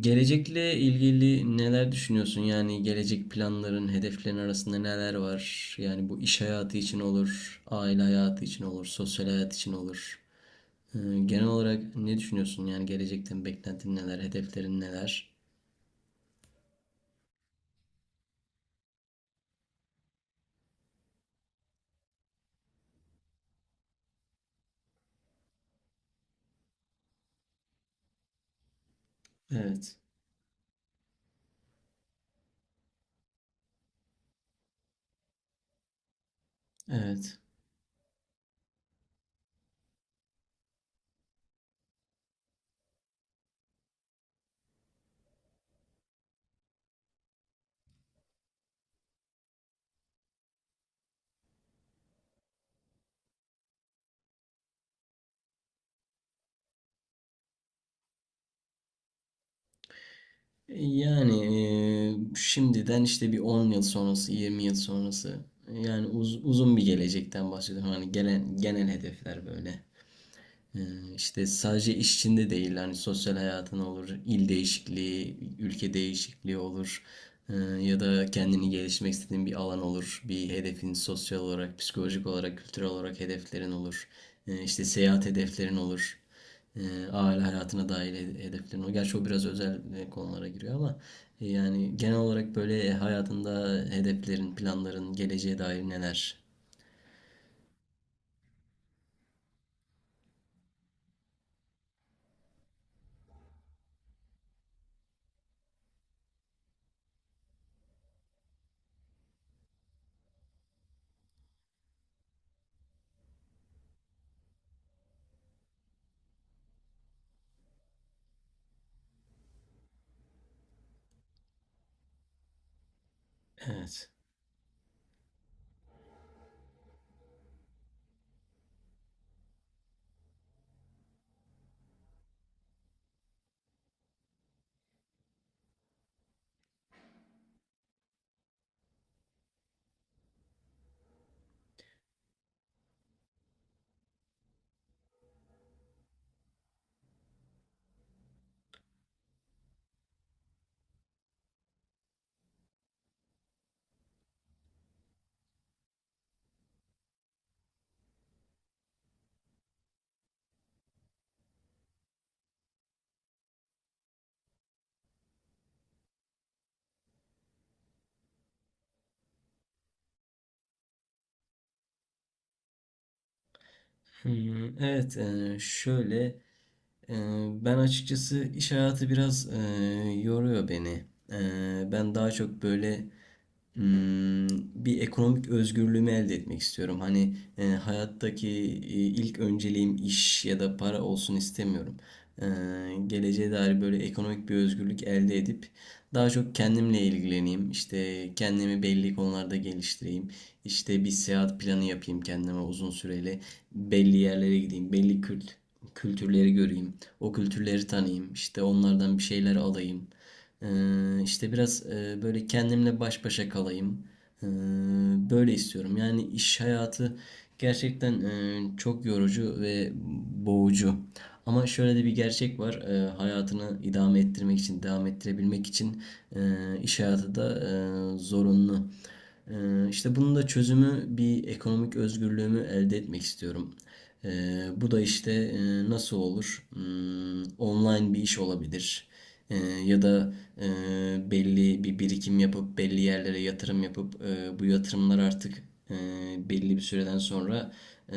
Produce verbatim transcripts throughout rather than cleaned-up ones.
Gelecekle ilgili neler düşünüyorsun? Yani gelecek planların, hedeflerin arasında neler var? Yani bu iş hayatı için olur, aile hayatı için olur, sosyal hayat için olur. Ee, Genel olarak ne düşünüyorsun? Yani gelecekten beklentin neler, hedeflerin neler? Evet, evet. Yani e, şimdiden işte bir on yıl sonrası, yirmi yıl sonrası. Yani uz- uzun bir gelecekten bahsediyorum. Hani gelen genel hedefler böyle. Ee, İşte sadece iş içinde değil, hani sosyal hayatın olur, il değişikliği, ülke değişikliği olur. Ee, ya da kendini gelişmek istediğin bir alan olur, bir hedefin sosyal olarak, psikolojik olarak, kültürel olarak hedeflerin olur, Ee, işte seyahat hedeflerin olur, Ee, aile hayatına dair he- hedeflerin olur. Gerçi o biraz özel e, konulara giriyor ama e, yani genel olarak böyle hayatında hedeflerin, planların, geleceğe dair neler? Evet. Hmm, evet, e, şöyle. Ee, Ben açıkçası iş hayatı biraz e, yoruyor beni. Ee, Ben daha çok böyle, Hmm, bir ekonomik özgürlüğümü elde etmek istiyorum. Hani e, hayattaki e, ilk önceliğim iş ya da para olsun istemiyorum. E, Geleceğe dair böyle ekonomik bir özgürlük elde edip daha çok kendimle ilgileneyim. İşte kendimi belli konularda geliştireyim. İşte bir seyahat planı yapayım kendime uzun süreli. Belli yerlere gideyim, belli kült kültürleri göreyim. O kültürleri tanıyayım. İşte onlardan bir şeyler alayım. Ee, işte biraz e, böyle kendimle baş başa kalayım. Ee, Böyle istiyorum. Yani iş hayatı gerçekten e, çok yorucu ve boğucu. Ama şöyle de bir gerçek var. Ee, hayatını idame ettirmek için, devam ettirebilmek için e, iş hayatı da e, zorunlu. Ee, işte bunun da çözümü bir ekonomik özgürlüğümü elde etmek istiyorum. Ee, bu da işte e, nasıl olur? Hmm, online bir iş olabilir. Ee, ya da e, belli bir birikim yapıp belli yerlere yatırım yapıp e, bu yatırımlar artık e, belli bir süreden sonra e,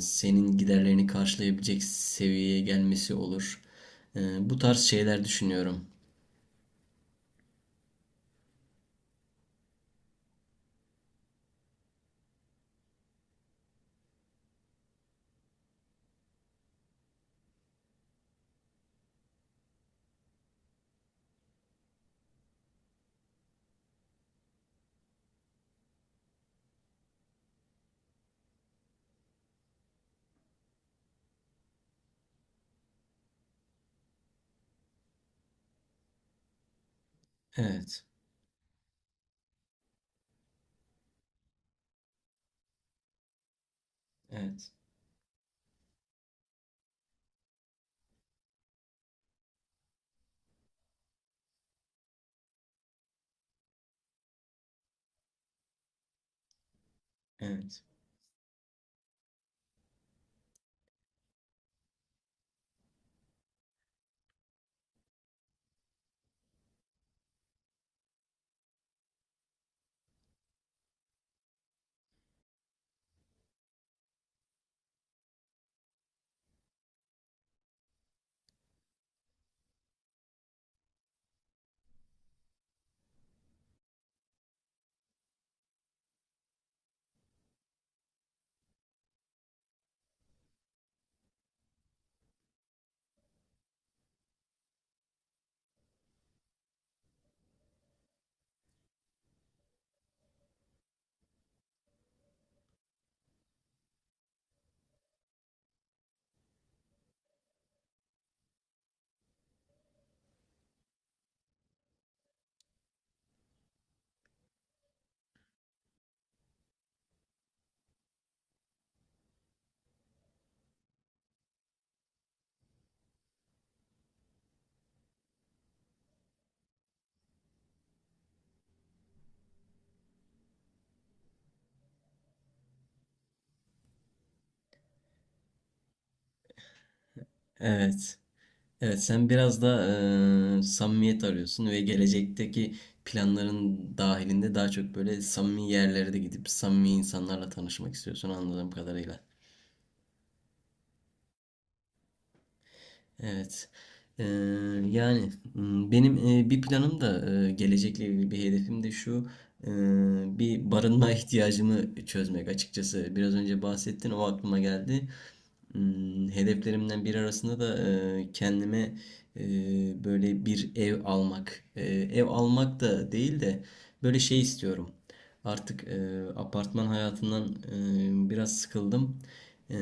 senin giderlerini karşılayabilecek seviyeye gelmesi olur. E, bu tarz şeyler düşünüyorum. Evet, evet, evet, evet. Evet, sen biraz da e, samimiyet arıyorsun ve gelecekteki planların dahilinde daha çok böyle samimi yerlere de gidip samimi insanlarla tanışmak istiyorsun, anladığım kadarıyla. Evet. Ee, Yani m, benim e, bir planım da e, gelecekle ilgili bir hedefim de şu: e, bir barınma ihtiyacımı çözmek açıkçası. Biraz önce bahsettin, o aklıma geldi. Hmm, Hedeflerimden biri arasında da e, kendime e, böyle bir ev almak. E, ev almak da değil de böyle şey istiyorum. Artık e, apartman hayatından e, biraz sıkıldım. E,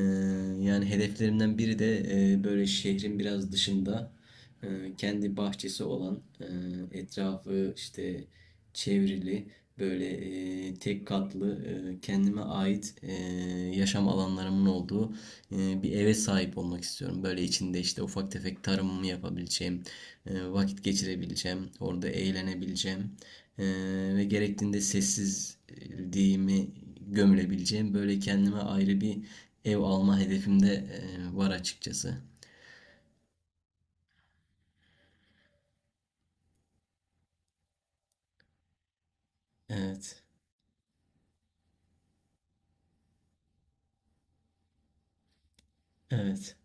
Yani hedeflerimden biri de e, böyle şehrin biraz dışında e, kendi bahçesi olan, e, etrafı işte çevrili, böyle e, tek katlı, e, kendime ait, e, yaşam alanlarımın olduğu e, bir eve sahip olmak istiyorum. Böyle içinde işte ufak tefek tarımımı yapabileceğim, e, vakit geçirebileceğim, orada eğlenebileceğim. Ee, ve gerektiğinde sessizliğimi gömülebileceğim böyle kendime ayrı bir ev alma hedefim de e, var açıkçası. Evet, evet,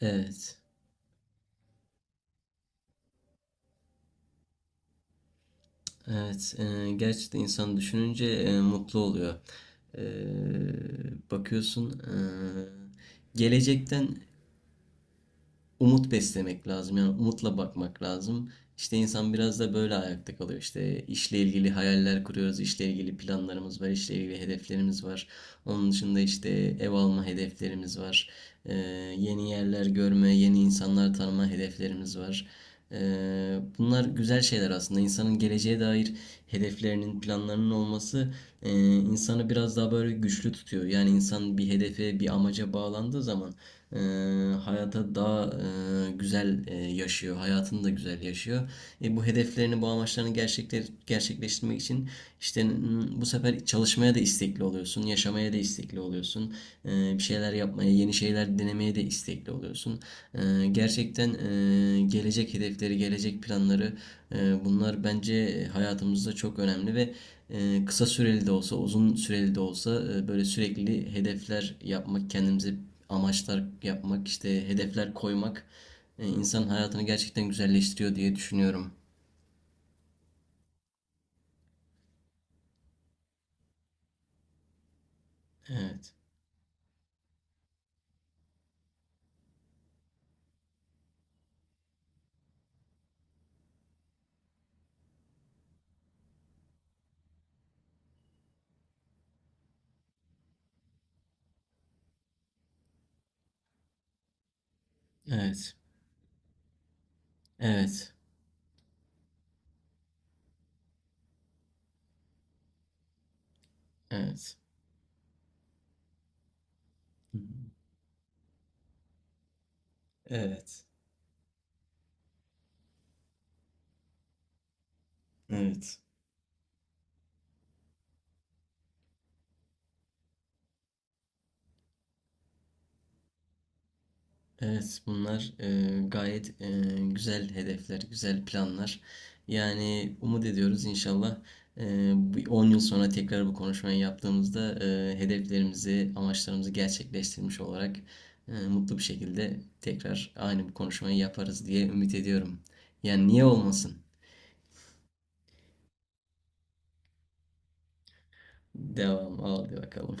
evet, evet. Ee, gerçekten insan düşününce e, mutlu oluyor. Ee, bakıyorsun, e, gelecekten umut beslemek lazım. Yani umutla bakmak lazım. İşte insan biraz da böyle ayakta kalıyor. İşte işle ilgili hayaller kuruyoruz, işle ilgili planlarımız var, işle ilgili hedeflerimiz var. Onun dışında işte ev alma hedeflerimiz var. Ee, Yeni yerler görme, yeni insanlar tanıma hedeflerimiz var. Ee, bunlar güzel şeyler aslında. İnsanın geleceğe dair hedeflerinin, planlarının olması e, insanı biraz daha böyle güçlü tutuyor. Yani insan bir hedefe, bir amaca bağlandığı zaman e, hayata daha e, güzel e, yaşıyor, hayatını da güzel yaşıyor. E, bu hedeflerini, bu amaçlarını gerçekler, gerçekleştirmek için işte n- bu sefer çalışmaya da istekli oluyorsun, yaşamaya da istekli istekli oluyorsun. Ee, bir şeyler yapmaya, yeni şeyler denemeye de istekli oluyorsun. Ee, gerçekten e, gelecek hedefleri, gelecek planları, e, bunlar bence hayatımızda çok önemli ve e, kısa süreli de olsa, uzun süreli de olsa e, böyle sürekli hedefler yapmak, kendimize amaçlar yapmak, işte hedefler koymak e, insanın hayatını gerçekten güzelleştiriyor diye düşünüyorum. Evet. Evet. Evet. Evet. Evet. Evet. Evet, bunlar e, gayet e, güzel hedefler, güzel planlar. Yani umut ediyoruz, inşallah e, bir on yıl sonra tekrar bu konuşmayı yaptığımızda e, hedeflerimizi, amaçlarımızı gerçekleştirmiş olarak e, mutlu bir şekilde tekrar aynı bu konuşmayı yaparız diye ümit ediyorum. Yani niye olmasın? Devam, hadi bakalım.